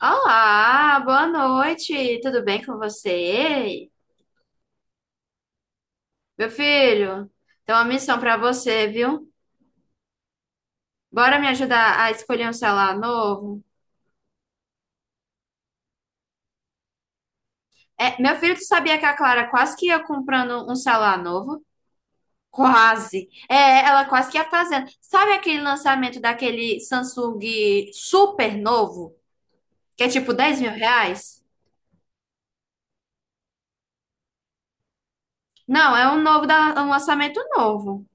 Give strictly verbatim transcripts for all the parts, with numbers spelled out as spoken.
Olá, boa noite. Tudo bem com você? Ei, meu filho, tem uma missão pra você, viu? Bora me ajudar a escolher um celular novo? É, meu filho, tu sabia que a Clara quase que ia comprando um celular novo? Quase. É, ela quase que ia fazendo. Sabe aquele lançamento daquele Samsung super novo? Que é tipo dez mil reais? Não, é um novo da, um lançamento novo.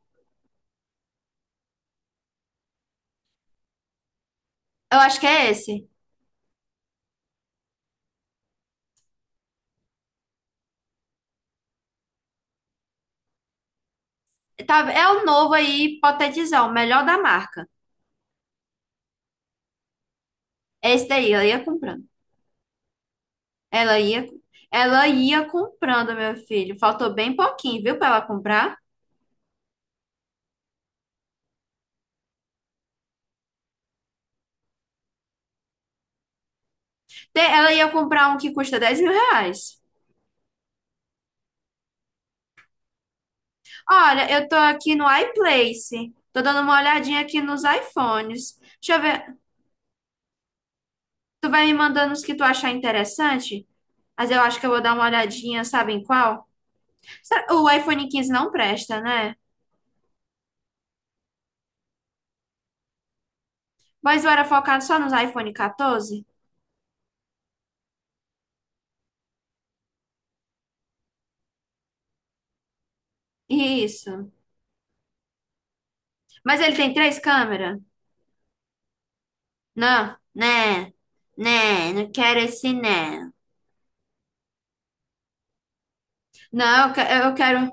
Eu acho que é esse. Tá, é o novo aí, hipotetizar, o melhor da marca. Esse daí, ela ia comprando. Ela ia, ela ia comprando, meu filho. Faltou bem pouquinho, viu, pra ela comprar. Te- Ela ia comprar um que custa dez mil reais. Olha, eu tô aqui no iPlace. Tô dando uma olhadinha aqui nos iPhones. Deixa eu ver. Tu vai me mandando os que tu achar interessante? Mas eu acho que eu vou dar uma olhadinha, sabe em qual? Será- O iPhone quinze não presta, né? Mas eu era focado só nos iPhone catorze? Isso. Mas ele tem três câmeras? Não, né? Né? Não quero esse né. Não, eu que- eu quero,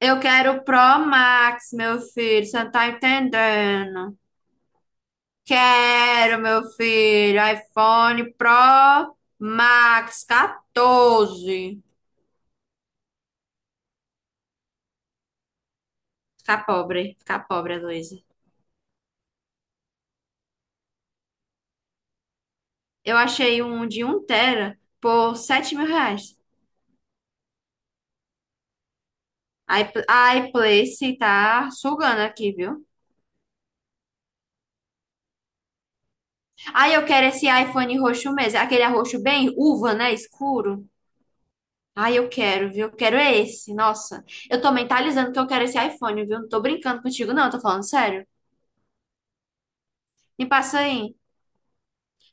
eu quero o Pro Max, meu filho. Você não tá entendendo? Quero, meu filho. iPhone Pro Max catorze. Ficar pobre, ficar pobre, Luísa. Eu achei um de um tera por sete mil reais. A iP- a iPlace tá sugando aqui, viu? Aí eu quero esse iPhone roxo mesmo. Aquele roxo bem uva, né? Escuro. Ai, eu quero, viu? Eu quero é esse. Nossa, eu tô mentalizando que eu quero esse iPhone, viu? Não tô brincando contigo, não, tô falando sério. Me passa aí.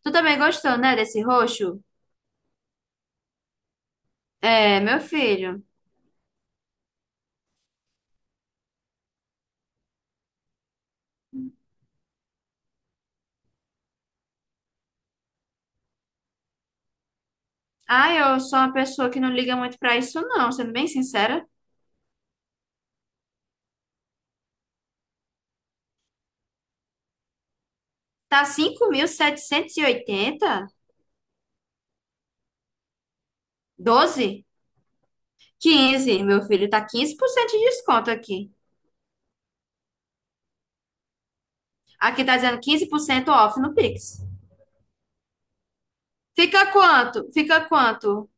Tu também gostou, né, desse roxo? É, meu filho. Ai, eu sou uma pessoa que não liga muito pra isso, não, sendo bem sincera. Tá cinco mil setecentos e oitenta. Doze. Quinze, meu filho, tá quinze por cento de desconto aqui. Aqui tá dizendo quinze por cento off no Pix. Fica quanto? Fica quanto?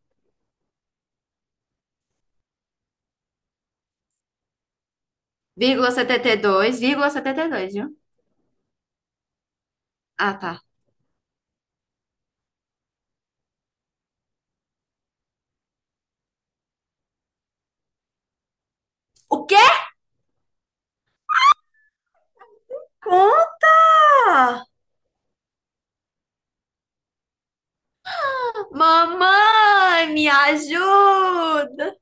Vírgula setenta e dois. Vírgula setenta e dois, viu? Ah, tá. O quê? Conta! Mamãe, me ajuda!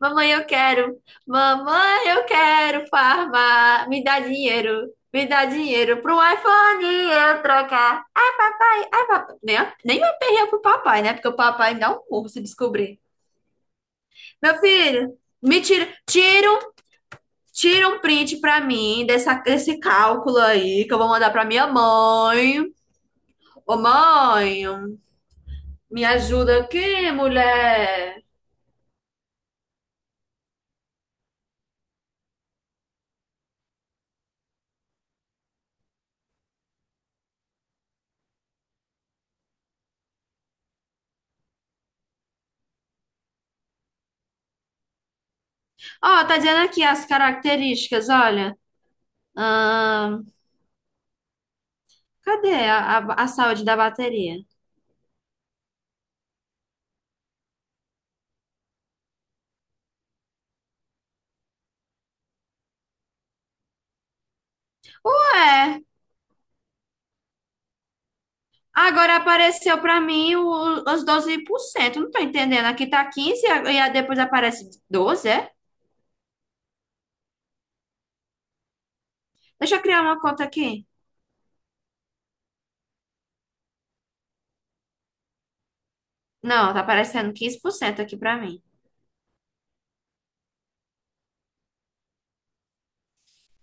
Mamãe, eu quero! Mamãe, eu quero farmar! Me dá dinheiro! Me dá dinheiro pro iPhone eu trocar! Ai, papai! Ai, papai! Nem, nem me perder pro papai, né? Porque o papai me dá um murro se descobrir. Meu filho, me tira, tira um, tira um print pra mim dessa, desse cálculo aí que eu vou mandar pra minha mãe. Ô, mãe! Me ajuda aqui, mulher. Ó, tá dizendo aqui as características, olha. Ahn, cadê a, a, a saúde da bateria? Ué, agora apareceu pra mim o- os doze por cento. Não tô entendendo. Aqui tá quinze e a- e a- depois aparece doze. É? Deixa eu criar uma conta aqui. Não, tá aparecendo quinze por cento aqui pra mim.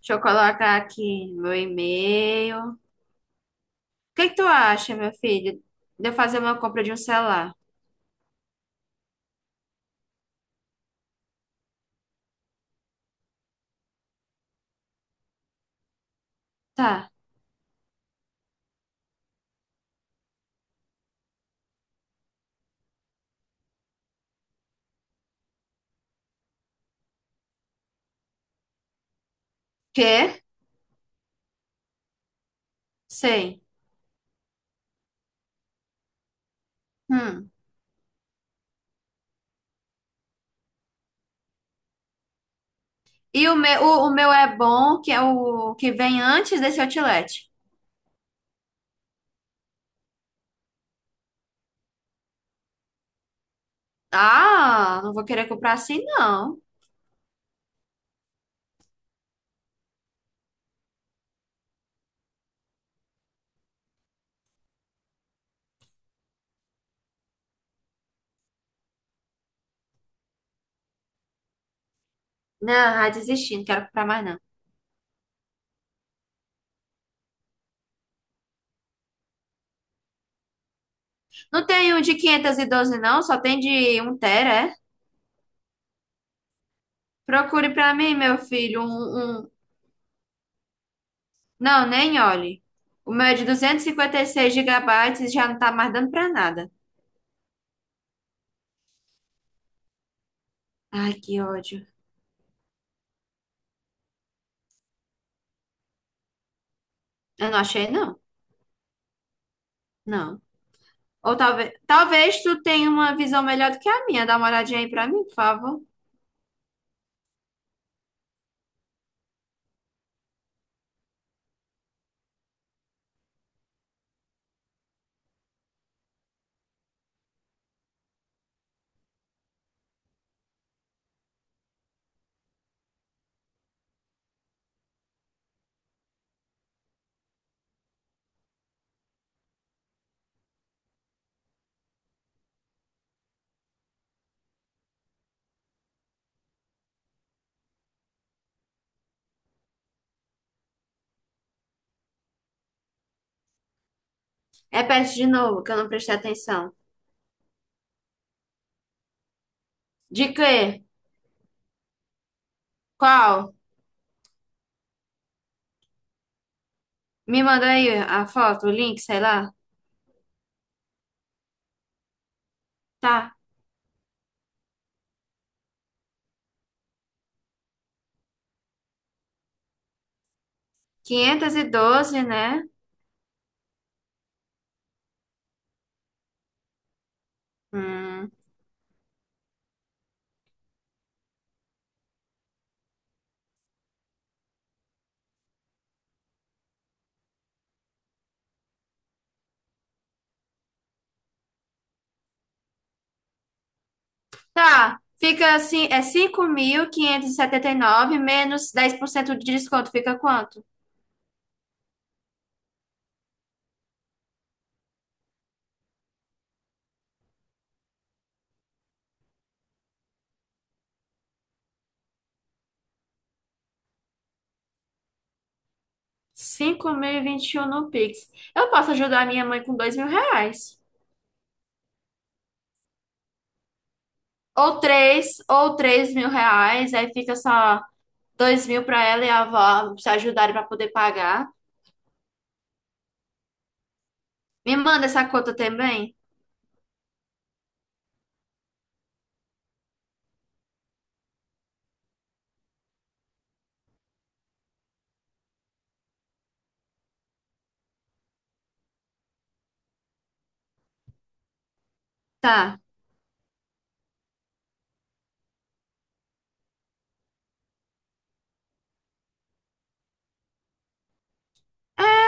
Deixa eu colocar aqui meu e-mail. O que que tu acha, meu filho, de eu fazer uma compra de um celular? Tá. Quê? Sei. Hum. E o meu, o, o meu é bom, que é o que vem antes desse outlet. Ah, não vou querer comprar assim, não. Não, ah, desisti, não quero comprar mais, não. Não tem um de quinhentos e doze, não, só tem de um tera, é? Procure pra mim, meu filho, um, um- Não, nem olhe. O meu é de duzentos e cinquenta e seis gigabytes e já não tá mais dando pra nada. Ai, que ódio. Eu não achei, não. Não. Ou talvez... Talvez tu tenha uma visão melhor do que a minha. Dá uma olhadinha aí pra mim, por favor. Repete de novo, que eu não prestei atenção. De quê? Qual? Me manda aí a foto, o link, sei lá. Tá. Quinhentos e doze, né? Hum. Tá. Fica assim, é cinco mil quinhentos e e setenta e nove menos dez por cento de desconto. Fica quanto? Cinco mil e e vinte e um no Pix. Eu posso ajudar minha mãe com dois mil reais. Ou três, ou três mil reais. Aí fica só dois mil pra ela e a avó se ajudarem pra poder pagar. Me manda essa conta também. Tá.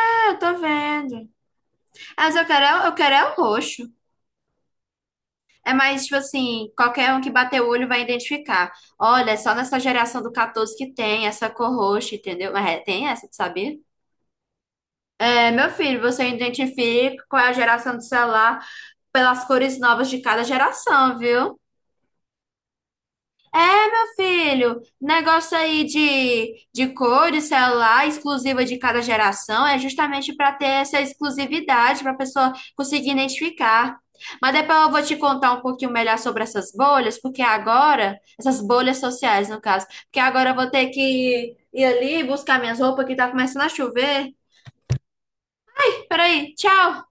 É, eu tô vendo. Ah, mas eu quero, é- eu quero é o roxo. É mais, tipo assim, qualquer um que bater o olho vai identificar. Olha, é só nessa geração do catorze que tem essa cor roxa, entendeu? Mas é, tem essa, tu sabia? É, meu filho, você identifica qual é a geração do celular pelas cores novas de cada geração, viu? Filho, negócio aí de, de cores, celular, exclusiva de cada geração, é justamente para ter essa exclusividade, para a pessoa conseguir identificar. Mas depois eu vou te contar um pouquinho melhor sobre essas bolhas, porque agora, essas bolhas sociais, no caso, porque agora eu vou ter que ir ali buscar minhas roupas que tá começando a chover. Peraí, tchau!